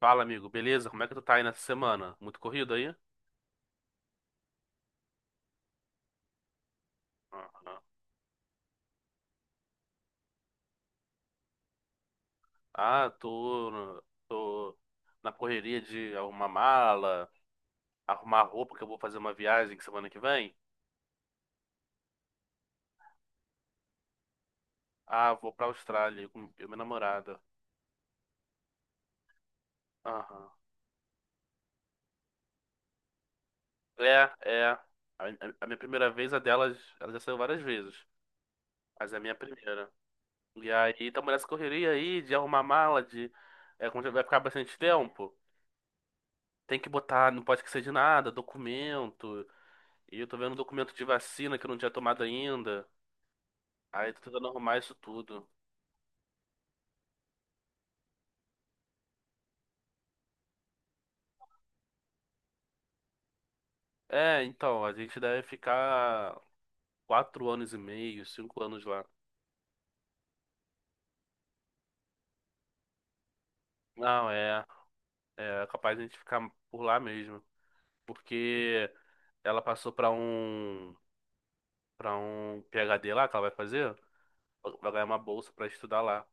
Fala, amigo, beleza? Como é que tu tá aí nessa semana? Muito corrido aí? Aham. Ah, tô, no- tô na correria de arrumar mala, arrumar roupa, que eu vou fazer uma viagem semana que vem. Ah, vou pra Austrália com eu e minha namorada. Aham. É, é. A minha primeira vez, a delas, ela já saiu várias vezes, mas é a minha primeira. E aí, tamo nessa correria aí de arrumar mala, de. É, como já vai ficar bastante tempo, tem que botar, não pode esquecer de nada, documento. E eu tô vendo um documento de vacina que eu não tinha tomado ainda. Aí tô tentando arrumar isso tudo. É, então, a gente deve ficar 4 anos e meio, 5 anos lá. Não, é capaz de a gente ficar por lá mesmo. Porque ela passou para um PhD lá que ela vai fazer, vai ganhar uma bolsa pra estudar lá.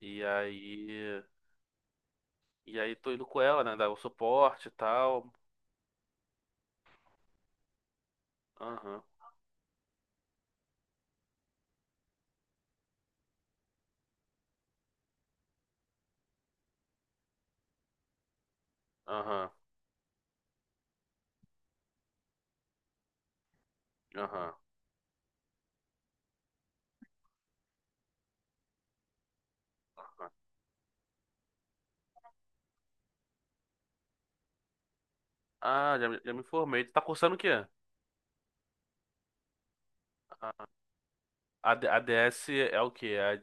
E aí, e aí tô indo com ela, né, dar o suporte e tal. Aham, aham, aham. Aham. Ah, já me informei. Tu tá cursando o quê? A DS é o quê? É.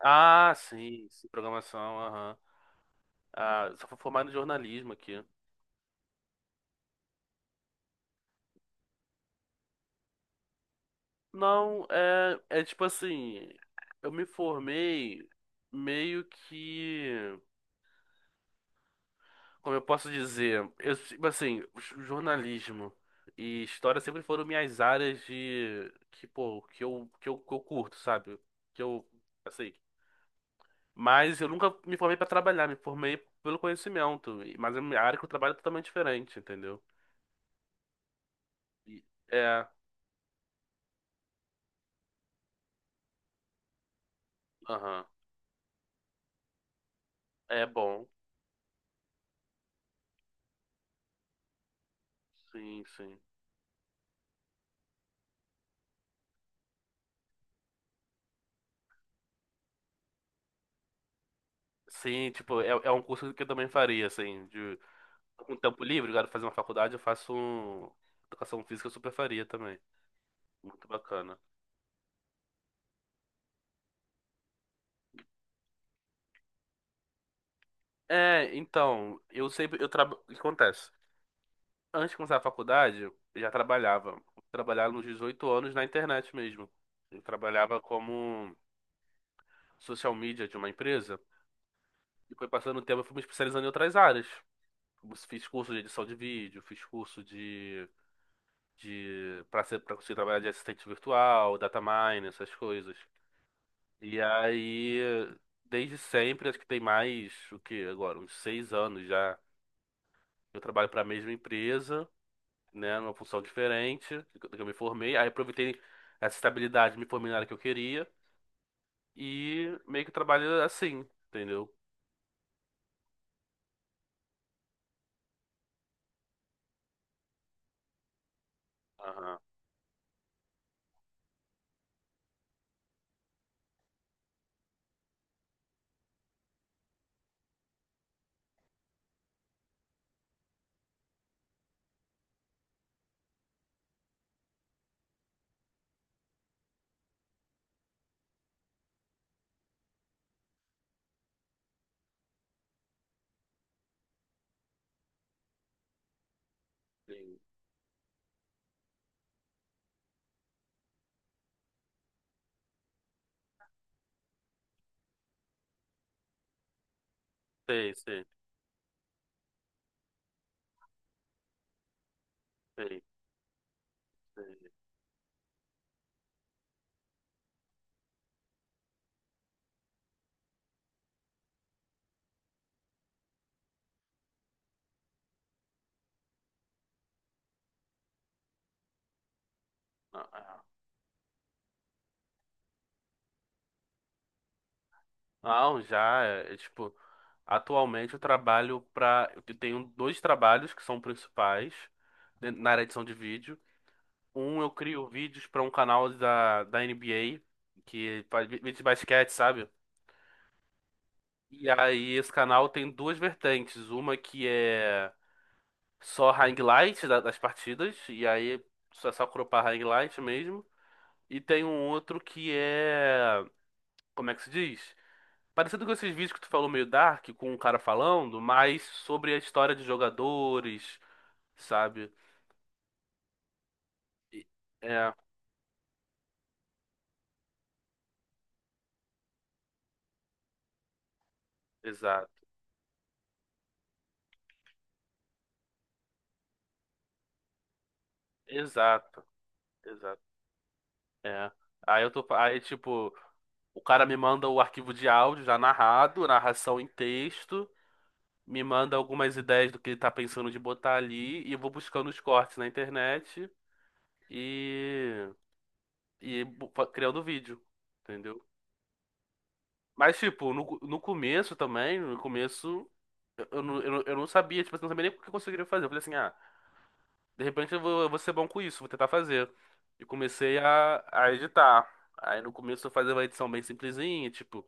Ah, sim, sim, programação, aham. Ah, só fui formado em jornalismo aqui. Não, é tipo assim, eu me formei meio que, como eu posso dizer, eu, tipo assim, jornalismo e história sempre foram minhas áreas de, que, pô, que eu curto, sabe? Que eu, assim, mas eu nunca me formei pra trabalhar, me formei pelo conhecimento, mas a minha área que eu trabalho é totalmente diferente, entendeu? E- É, aham. É bom. Sim, sim. Sim, tipo, é um curso que eu também faria, assim, de com tempo livre, eu quero fazer uma faculdade, eu faço um. Educação física, eu super faria também. Muito bacana. É, então, eu sempre, eu trabalho, o que acontece? Antes de começar a faculdade, eu já trabalhava. Trabalhava nos 18 anos na internet mesmo. Eu trabalhava como social media de uma empresa, e foi passando o tempo, eu fui me especializando em outras áreas. Fiz curso de edição de vídeo, fiz curso de para conseguir trabalhar de assistente virtual, data mine, essas coisas. E aí, desde sempre, acho que tem mais o que agora, uns 6 anos já, eu trabalho para a mesma empresa, né, numa função diferente do que eu me formei. Aí aproveitei essa estabilidade, me formei na área que eu queria e meio que trabalho assim, entendeu? Aham, sim, sei, sei, sei, sei. Não, já, é, tipo, atualmente eu trabalho pra. Eu tenho dois trabalhos que são principais na área de edição de vídeo. Um, eu crio vídeos para um canal da NBA, que faz vídeo de basquete, sabe? E aí esse canal tem duas vertentes. Uma que é só highlight das partidas, e aí só cropar highlight mesmo. E tem um outro que é. Como é que se diz? Parecido com esses vídeos que tu falou meio dark, com um cara falando, mas sobre a história de jogadores, sabe? E- É, exato. Exato, exato. É. Aí eu tô, aí tipo, o cara me manda o arquivo de áudio já narrado, narração em texto, me manda algumas ideias do que ele tá pensando de botar ali e eu vou buscando os cortes na internet e criando vídeo, entendeu? Mas tipo, no começo também, no começo. Eu não sabia, tipo, assim, eu não sabia nem o que eu conseguiria fazer. Eu falei assim, ah, de repente eu vou ser bom com isso, vou tentar fazer. E comecei a editar. Aí no começo eu fazia uma edição bem simplesinha, tipo,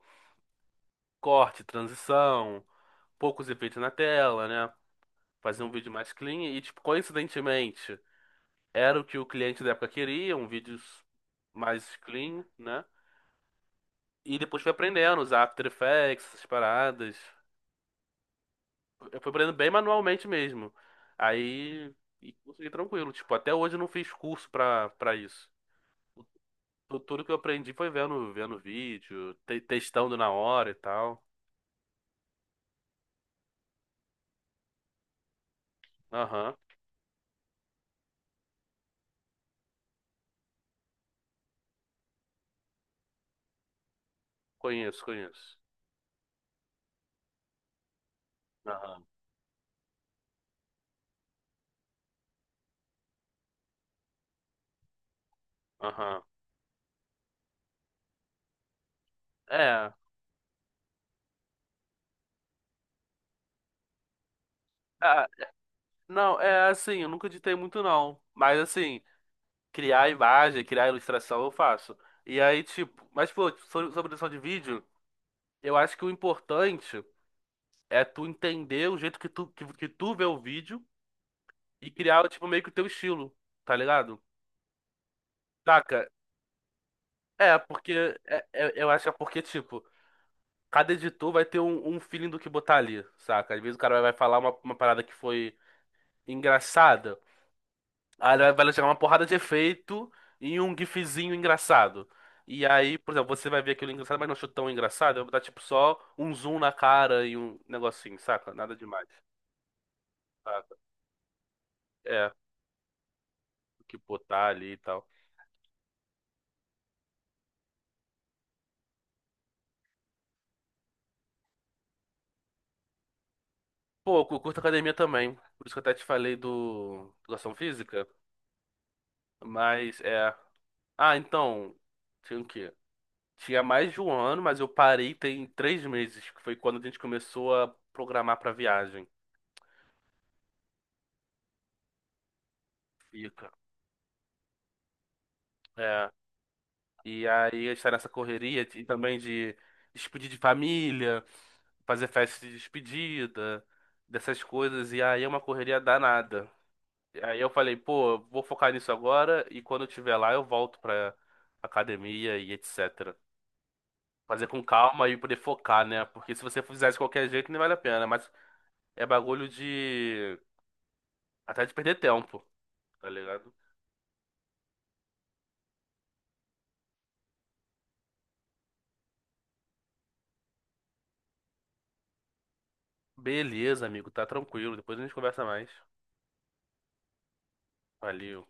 corte, transição, poucos efeitos na tela, né? Fazia um vídeo mais clean e, tipo, coincidentemente, era o que o cliente da época queria, um vídeo mais clean, né? E depois fui aprendendo a usar After Effects, essas paradas. Eu fui aprendendo bem manualmente mesmo. Aí, e consegui tranquilo. Tipo, até hoje eu não fiz curso pra isso. Tudo que eu aprendi foi vendo vídeo, testando na hora e tal. Aham. Conheço, conheço. Aham. Aham. É. Ah, não, é assim, eu nunca editei muito não. Mas assim, criar imagem, criar ilustração eu faço. E aí, tipo, mas pô, sobre edição de vídeo, eu acho que o importante é tu entender o jeito que tu vê o vídeo e criar, tipo, meio que o teu estilo, tá ligado? Saca? É, porque eu acho que é porque, tipo, cada editor vai ter um feeling do que botar ali, saca? Às vezes o cara vai falar uma parada que foi engraçada, aí ele vai jogar uma porrada de efeito e um gifzinho engraçado. E aí, por exemplo, você vai ver aquilo engraçado, mas não achou tão engraçado, vai botar, tipo, só um zoom na cara e um negocinho, saca? Nada demais, saca? É, o que botar ali e tal. Pô, eu curto academia também. Por isso que eu até te falei do educação física. Mas é. Ah, então. Tinha o quê? Tinha mais de um ano, mas eu parei tem 3 meses, que foi quando a gente começou a programar pra viagem. Fica. É. E aí estar nessa correria também de despedir de família, fazer festa de despedida, dessas coisas. E aí é uma correria danada. Aí eu falei, pô, eu vou focar nisso agora e quando eu estiver lá eu volto pra academia e etc. Fazer com calma e poder focar, né? Porque se você fizer de qualquer jeito, nem vale a pena. Mas é bagulho de. Até de perder tempo, tá ligado? Beleza, amigo, tá tranquilo. Depois a gente conversa mais. Valeu.